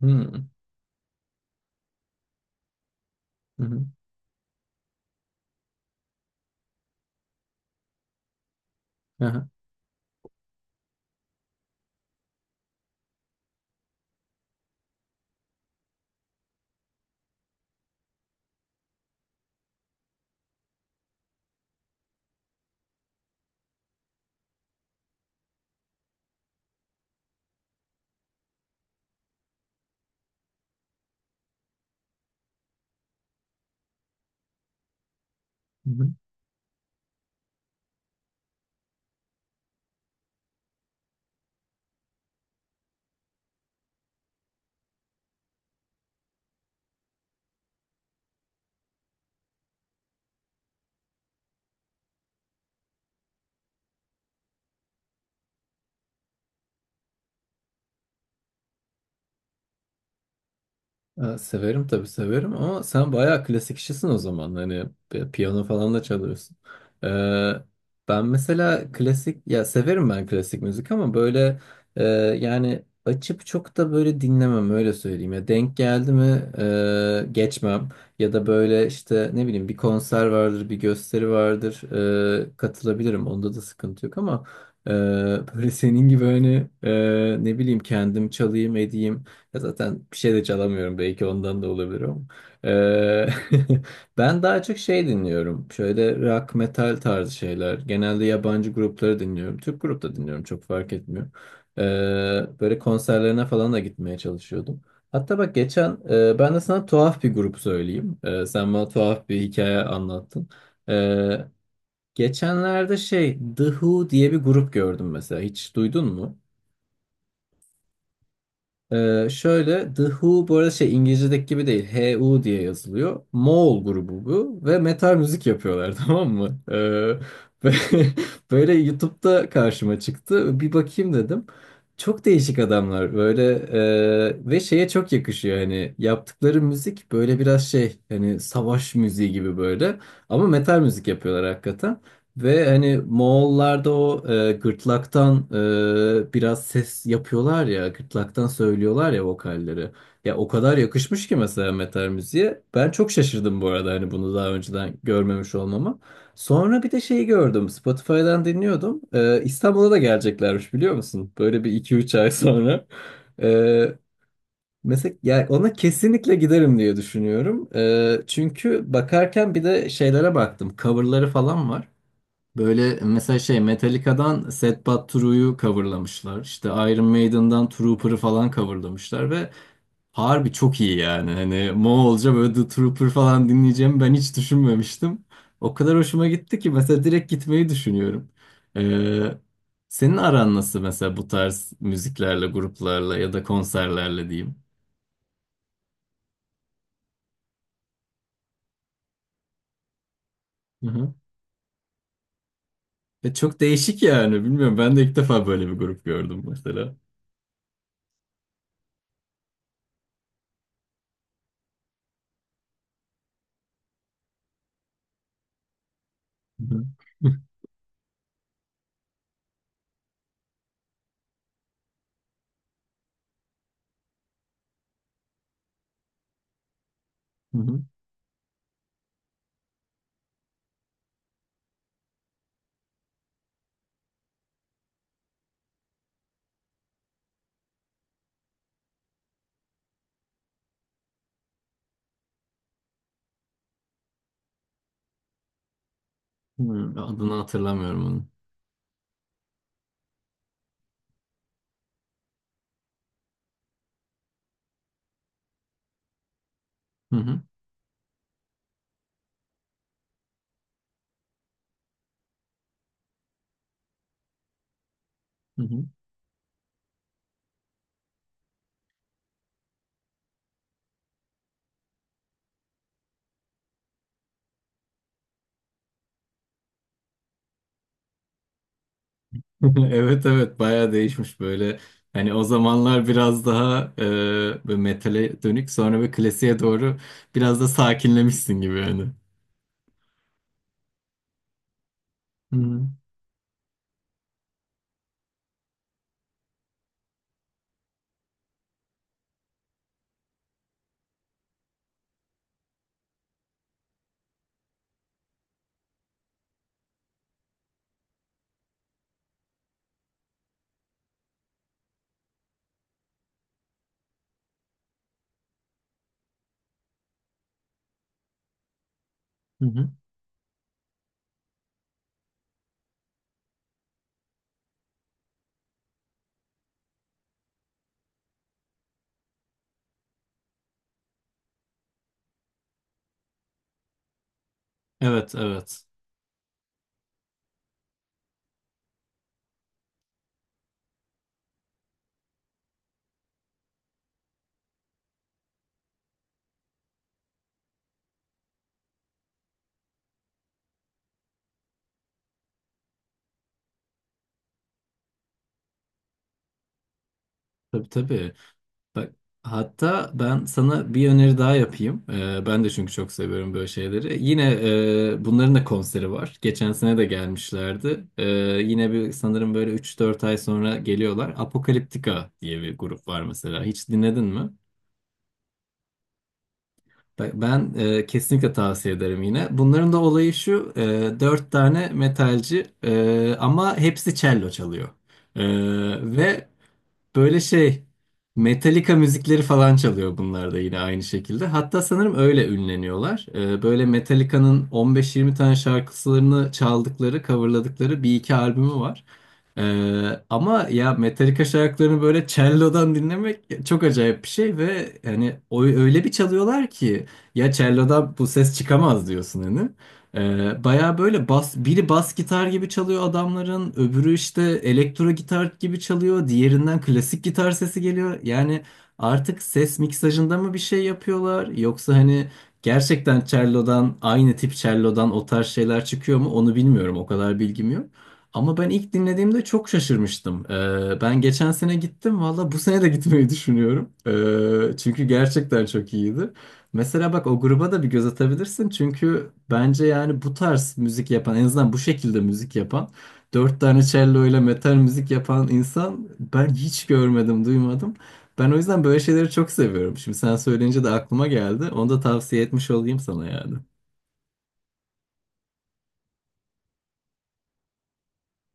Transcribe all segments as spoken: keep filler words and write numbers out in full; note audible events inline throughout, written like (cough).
Hı hı. Hı hı. Aha. Hı hı. Ha, severim tabii severim ama sen bayağı klasik işçisin o zaman. Hani pi- piyano falan da çalıyorsun. Ee, ben mesela klasik ya severim ben klasik müzik ama böyle e, yani açıp çok da böyle dinlemem öyle söyleyeyim. Ya denk geldi mi e, geçmem ya da böyle işte ne bileyim bir konser vardır bir gösteri vardır e, katılabilirim. Onda da sıkıntı yok ama e, (laughs) böyle senin gibi hani e, ne bileyim kendim çalayım edeyim. Ya zaten bir şey de çalamıyorum belki ondan da olabilir ama. Ee, (laughs) ben daha çok şey dinliyorum. Şöyle rock, metal tarzı şeyler. Genelde yabancı grupları dinliyorum. Türk grup da dinliyorum çok fark etmiyor. Ee, böyle konserlerine falan da gitmeye çalışıyordum. Hatta bak geçen e, ben de sana tuhaf bir grup söyleyeyim. Ee, sen bana tuhaf bir hikaye anlattın. Ee, geçenlerde şey The Who diye bir grup gördüm mesela. Hiç duydun mu? Ee, şöyle The Who bu arada şey İngilizce'deki gibi değil. H U diye yazılıyor. Moğol grubu bu ve metal müzik yapıyorlar (laughs) tamam mı? Ee, ve (laughs) böyle YouTube'da karşıma çıktı. Bir bakayım dedim. Çok değişik adamlar böyle e, ve şeye çok yakışıyor hani yaptıkları müzik böyle biraz şey hani savaş müziği gibi böyle ama metal müzik yapıyorlar hakikaten. Ve hani Moğollarda o e, gırtlaktan e, biraz ses yapıyorlar ya, gırtlaktan söylüyorlar ya vokalleri. Ya o kadar yakışmış ki mesela metal müziğe. Ben çok şaşırdım bu arada hani bunu daha önceden görmemiş olmama. Sonra bir de şeyi gördüm, Spotify'dan dinliyordum. E, İstanbul'a da geleceklermiş biliyor musun? Böyle bir iki üç ay sonra. E, Mesela yani ona kesinlikle giderim diye düşünüyorum. E, çünkü bakarken bir de şeylere baktım. Coverları falan var. Böyle mesela şey Metallica'dan Sad But True'yu coverlamışlar. İşte Iron Maiden'dan Trooper'ı falan coverlamışlar ve harbi çok iyi yani. Hani Moğolca böyle The Trooper falan dinleyeceğimi ben hiç düşünmemiştim. O kadar hoşuma gitti ki mesela direkt gitmeyi düşünüyorum. Ee, senin aran nasıl mesela bu tarz müziklerle, gruplarla ya da konserlerle diyeyim? Hı hı. Ve çok değişik yani bilmiyorum ben de ilk defa böyle bir grup gördüm mesela. Hı hı. (laughs) Hı hı. Hı, adını hatırlamıyorum. Hı hı, hı hı. (laughs) Evet evet bayağı değişmiş böyle. Hani o zamanlar biraz daha e, böyle metale dönük sonra bir klasiğe doğru biraz da sakinlemişsin gibi yani. Hı hı, hı hı. Evet evet. Tabii tabii. Bak, hatta ben sana bir öneri daha yapayım. E, ben de çünkü çok seviyorum böyle şeyleri. Yine e, bunların da konseri var. Geçen sene de gelmişlerdi. E, yine bir sanırım böyle üç dört ay sonra geliyorlar. Apokaliptika diye bir grup var mesela. Hiç dinledin mi? Bak, ben e, kesinlikle tavsiye ederim yine. Bunların da olayı şu, e, dört tane metalci e, ama hepsi cello çalıyor. E, ve böyle şey Metallica müzikleri falan çalıyor bunlar da yine aynı şekilde. Hatta sanırım öyle ünleniyorlar. Ee, böyle Metallica'nın on beş yirmi tane şarkılarını çaldıkları, coverladıkları bir iki albümü var. Ee, ama ya Metallica şarkılarını böyle cello'dan dinlemek çok acayip bir şey ve yani o öyle bir çalıyorlar ki ya cello'dan bu ses çıkamaz diyorsun hani. Ee, baya böyle bas, biri bas gitar gibi çalıyor adamların, öbürü işte elektro gitar gibi çalıyor, diğerinden klasik gitar sesi geliyor. Yani artık ses miksajında mı bir şey yapıyorlar yoksa hani gerçekten cello'dan aynı tip cello'dan o tarz şeyler çıkıyor mu onu bilmiyorum o kadar bilgim yok. Ama ben ilk dinlediğimde çok şaşırmıştım. Ee, ben geçen sene gittim valla bu sene de gitmeyi düşünüyorum. Ee, çünkü gerçekten çok iyiydi. Mesela bak o gruba da bir göz atabilirsin. Çünkü bence yani bu tarz müzik yapan en azından bu şekilde müzik yapan dört tane cello ile metal müzik yapan insan ben hiç görmedim duymadım. Ben o yüzden böyle şeyleri çok seviyorum. Şimdi sen söyleyince de aklıma geldi. Onu da tavsiye etmiş olayım sana yani.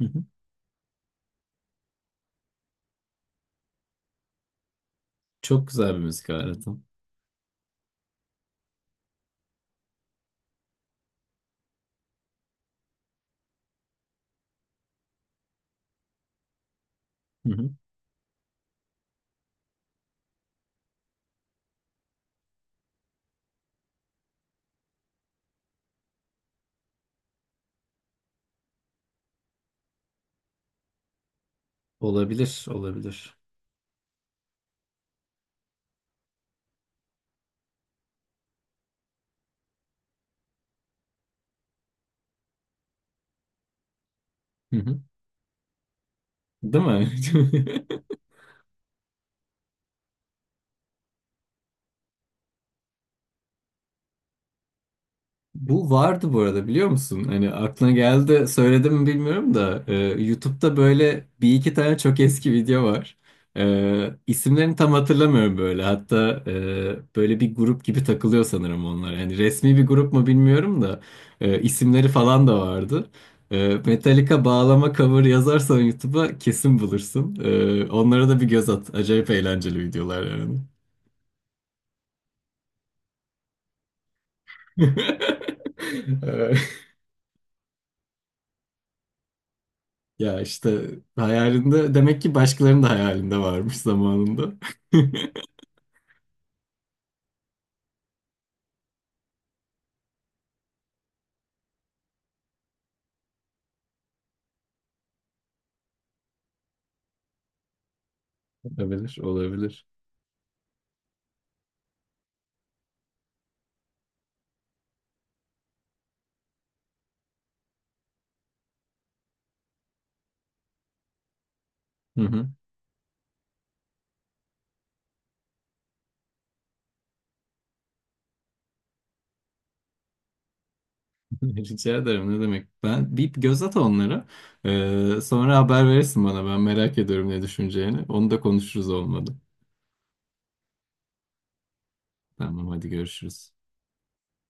Hı hı. Çok güzel bir müzik aleti. Hı hı. Olabilir, olabilir. Hı hı. Değil mi? (laughs) Bu vardı bu arada biliyor musun? Hani aklına geldi de söyledim mi bilmiyorum da e, YouTube'da böyle bir iki tane çok eski video var. E, isimlerini tam hatırlamıyorum böyle. Hatta e, böyle bir grup gibi takılıyor sanırım onlar. Yani resmi bir grup mu bilmiyorum da e, isimleri falan da vardı. E, Metallica bağlama cover yazarsan YouTube'a kesin bulursun. E, onlara da bir göz at. Acayip eğlenceli videolar yani. (laughs) Ya işte hayalinde demek ki başkalarının da hayalinde varmış zamanında. (laughs) Olabilir, olabilir. Hı hı. (laughs) Rica ederim ne demek. Ben bir göz at onlara. Ee, sonra haber verirsin bana. Ben merak ediyorum ne düşüneceğini. Onu da konuşuruz olmadı. Tamam hadi görüşürüz.